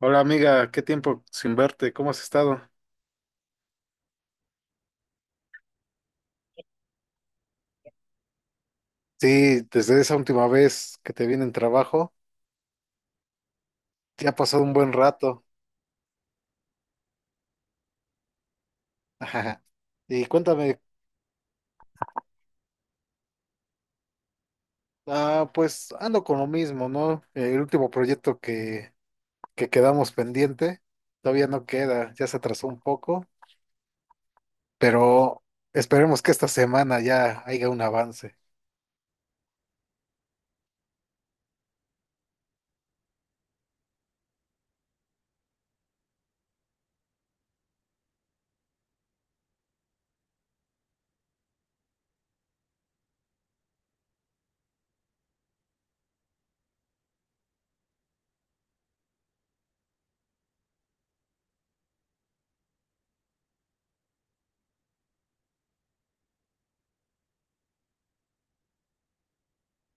Hola amiga, qué tiempo sin verte, ¿cómo has estado? Sí, desde esa última vez que te vine en trabajo, ya ha pasado un buen rato. Y cuéntame, ah, pues ando con lo mismo, ¿no? El último proyecto que quedamos pendiente todavía no queda, ya se atrasó un poco, pero esperemos que esta semana ya haya un avance.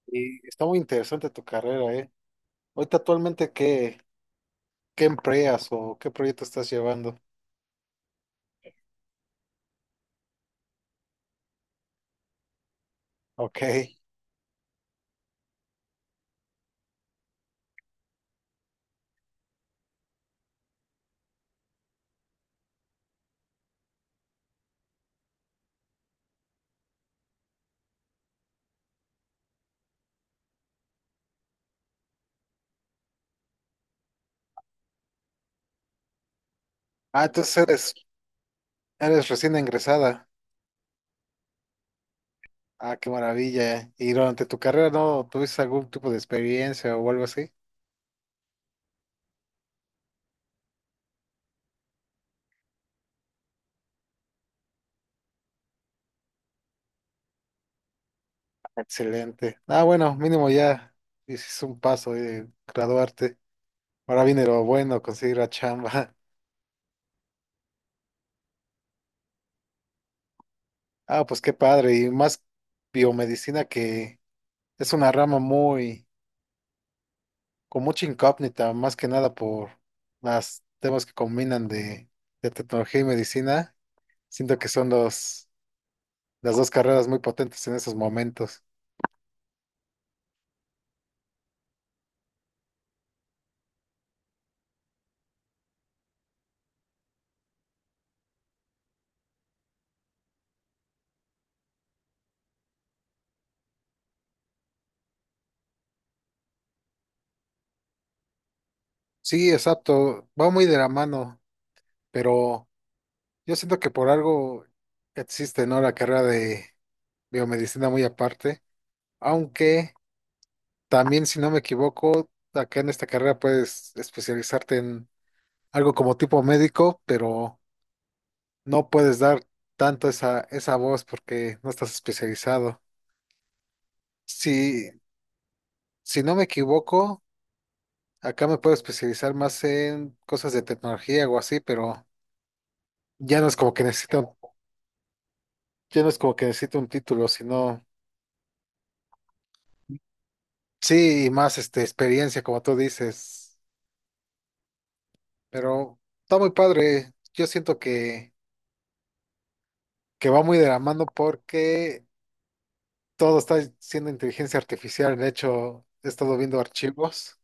Y está muy interesante tu carrera, ¿eh? Ahorita actualmente, ¿qué, qué empleas o qué proyecto estás llevando? Ok. Ah, entonces eres recién ingresada. Ah, qué maravilla. ¿Y durante tu carrera no tuviste algún tipo de experiencia o algo así? Excelente. Ah, bueno, mínimo ya hiciste un paso de graduarte. Ahora viene lo bueno, conseguir la chamba. Ah, pues qué padre. Y más biomedicina que es una rama muy, con mucha incógnita, más que nada por las temas que combinan de tecnología y medicina. Siento que son las dos carreras muy potentes en esos momentos. Sí, exacto, va muy de la mano, pero yo siento que por algo existe, ¿no? La carrera de biomedicina muy aparte, aunque también, si no me equivoco, acá en esta carrera puedes especializarte en algo como tipo médico, pero no puedes dar tanto esa voz porque no estás especializado. Si, si no me equivoco, acá me puedo especializar más en cosas de tecnología o así, pero ya no es como que necesito. Yo no es como que necesito un título, sino sí, y más este experiencia, como tú dices. Pero está muy padre. Yo siento que va muy de la mano porque todo está siendo inteligencia artificial. De hecho, he estado viendo archivos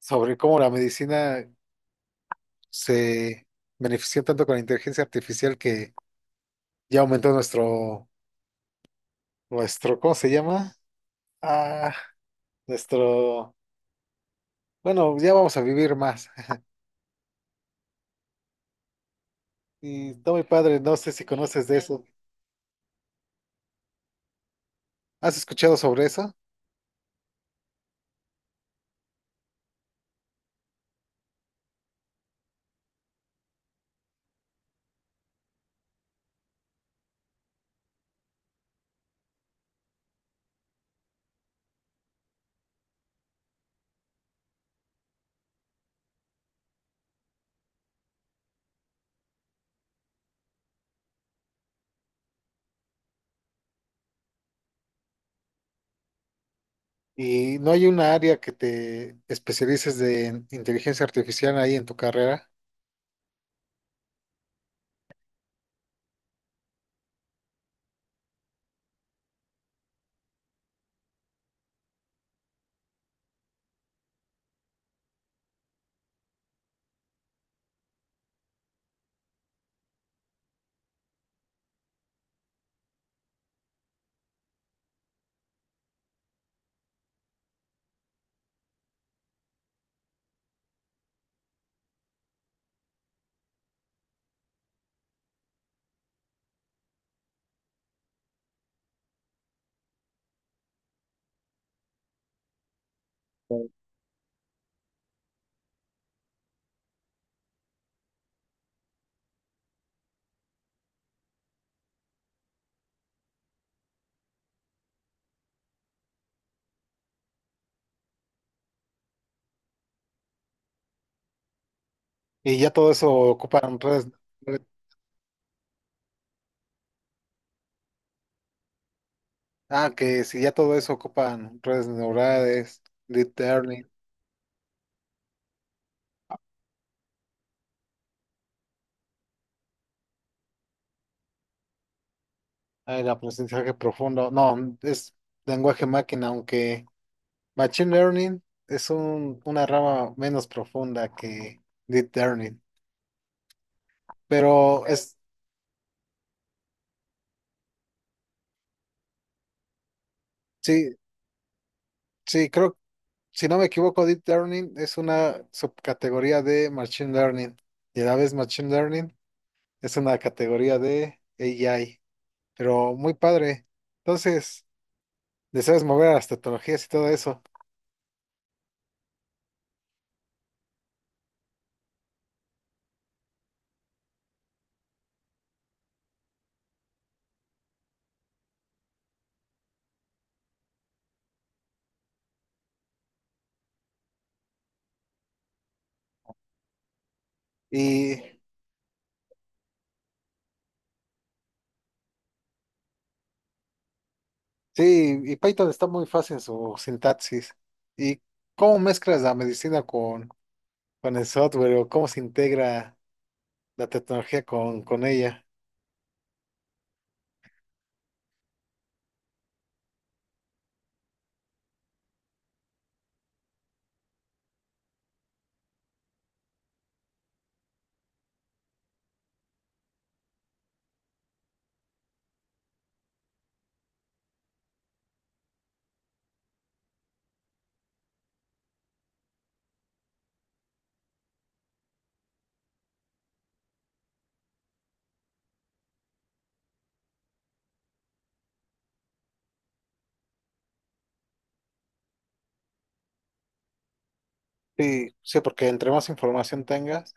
sobre cómo la medicina se benefició tanto con la inteligencia artificial que ya aumentó nuestro, ¿cómo se llama? Ah, nuestro, bueno, ya vamos a vivir más. Y está muy padre, no sé si conoces de eso. ¿Has escuchado sobre eso? ¿Y no hay una área que te especialices de en inteligencia artificial ahí en tu carrera? Y ya todo eso ocupan redes. Ah, que si ya todo eso ocupan redes neurales, deep learning, ah, el aprendizaje profundo. No, es lenguaje máquina, aunque machine learning es una rama menos profunda que deep learning. Pero es, sí, sí, creo. Si no me equivoco, Deep Learning es una subcategoría de Machine Learning y a la vez Machine Learning es una categoría de AI, pero muy padre. Entonces, deseas mover a las tecnologías y todo eso. Y sí, y Python está muy fácil en su sintaxis. ¿Y cómo mezclas la medicina con el software o cómo se integra la tecnología con ella? Sí, sí, porque entre más información tengas,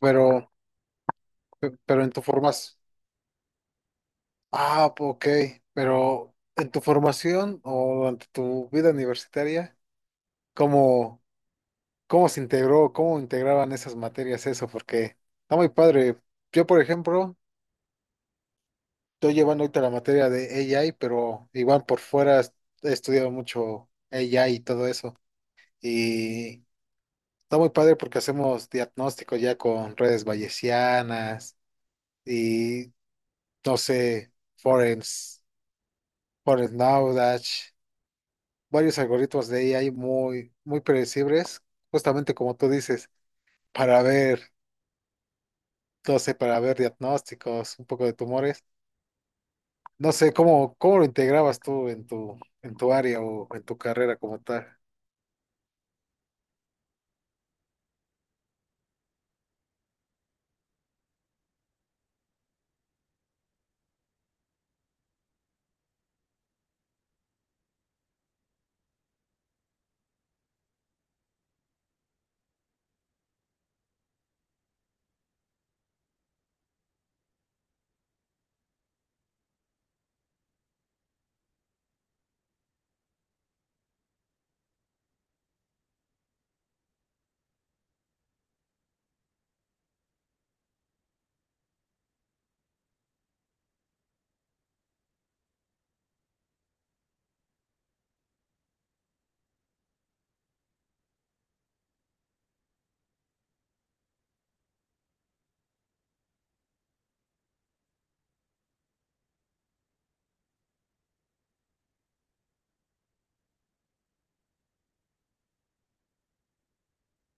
pero, pero en tu formación. Ah, ok, ok. Pero en tu formación o durante tu vida universitaria, ¿cómo, cómo se integró, cómo integraban esas materias eso? Porque está muy padre. Yo, por ejemplo, estoy llevando ahorita la materia de AI, pero igual por fuera he estudiado mucho AI y todo eso. Y está muy padre porque hacemos diagnóstico ya con redes bayesianas y, no sé, Forens Knowledge. Varios algoritmos de AI muy, muy predecibles, justamente como tú dices, para ver, no sé, para ver diagnósticos, un poco de tumores. No sé, ¿cómo, cómo lo integrabas tú en tu área o en tu carrera como tal?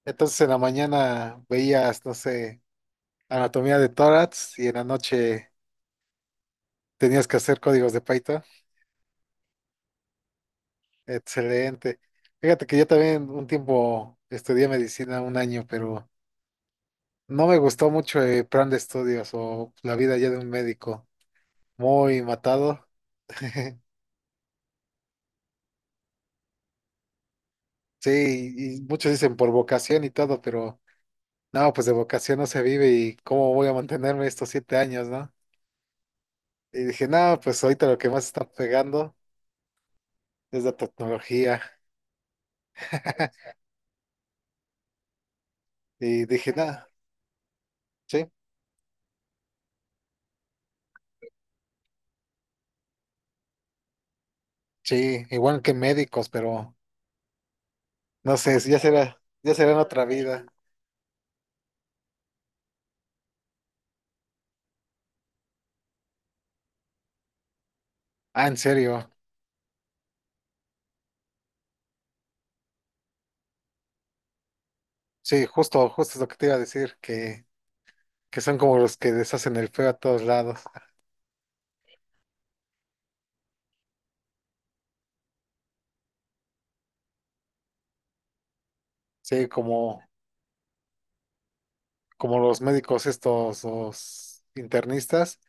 Entonces en la mañana veías, no sé, anatomía de tórax y en la noche tenías que hacer códigos de Python. Excelente. Fíjate que yo también un tiempo estudié medicina un año, pero no me gustó mucho el plan de estudios o la vida ya de un médico. Muy matado. Sí, y muchos dicen por vocación y todo, pero no, pues de vocación no se vive y cómo voy a mantenerme estos 7 años, ¿no? Y dije, no, pues ahorita lo que más está pegando es la tecnología. Y dije, no, sí, sí, igual que médicos, pero no sé, ya será en otra vida. Ah, en serio, sí, justo, justo es lo que te iba a decir, que son como los que deshacen el feo a todos lados. Sí, como, como los médicos estos, los internistas.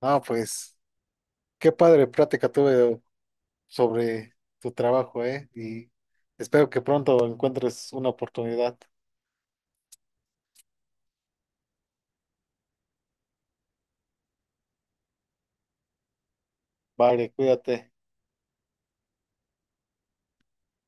Ah, pues qué padre plática tuve sobre tu trabajo, ¿eh? Y espero que pronto encuentres una oportunidad. Vale, cuídate.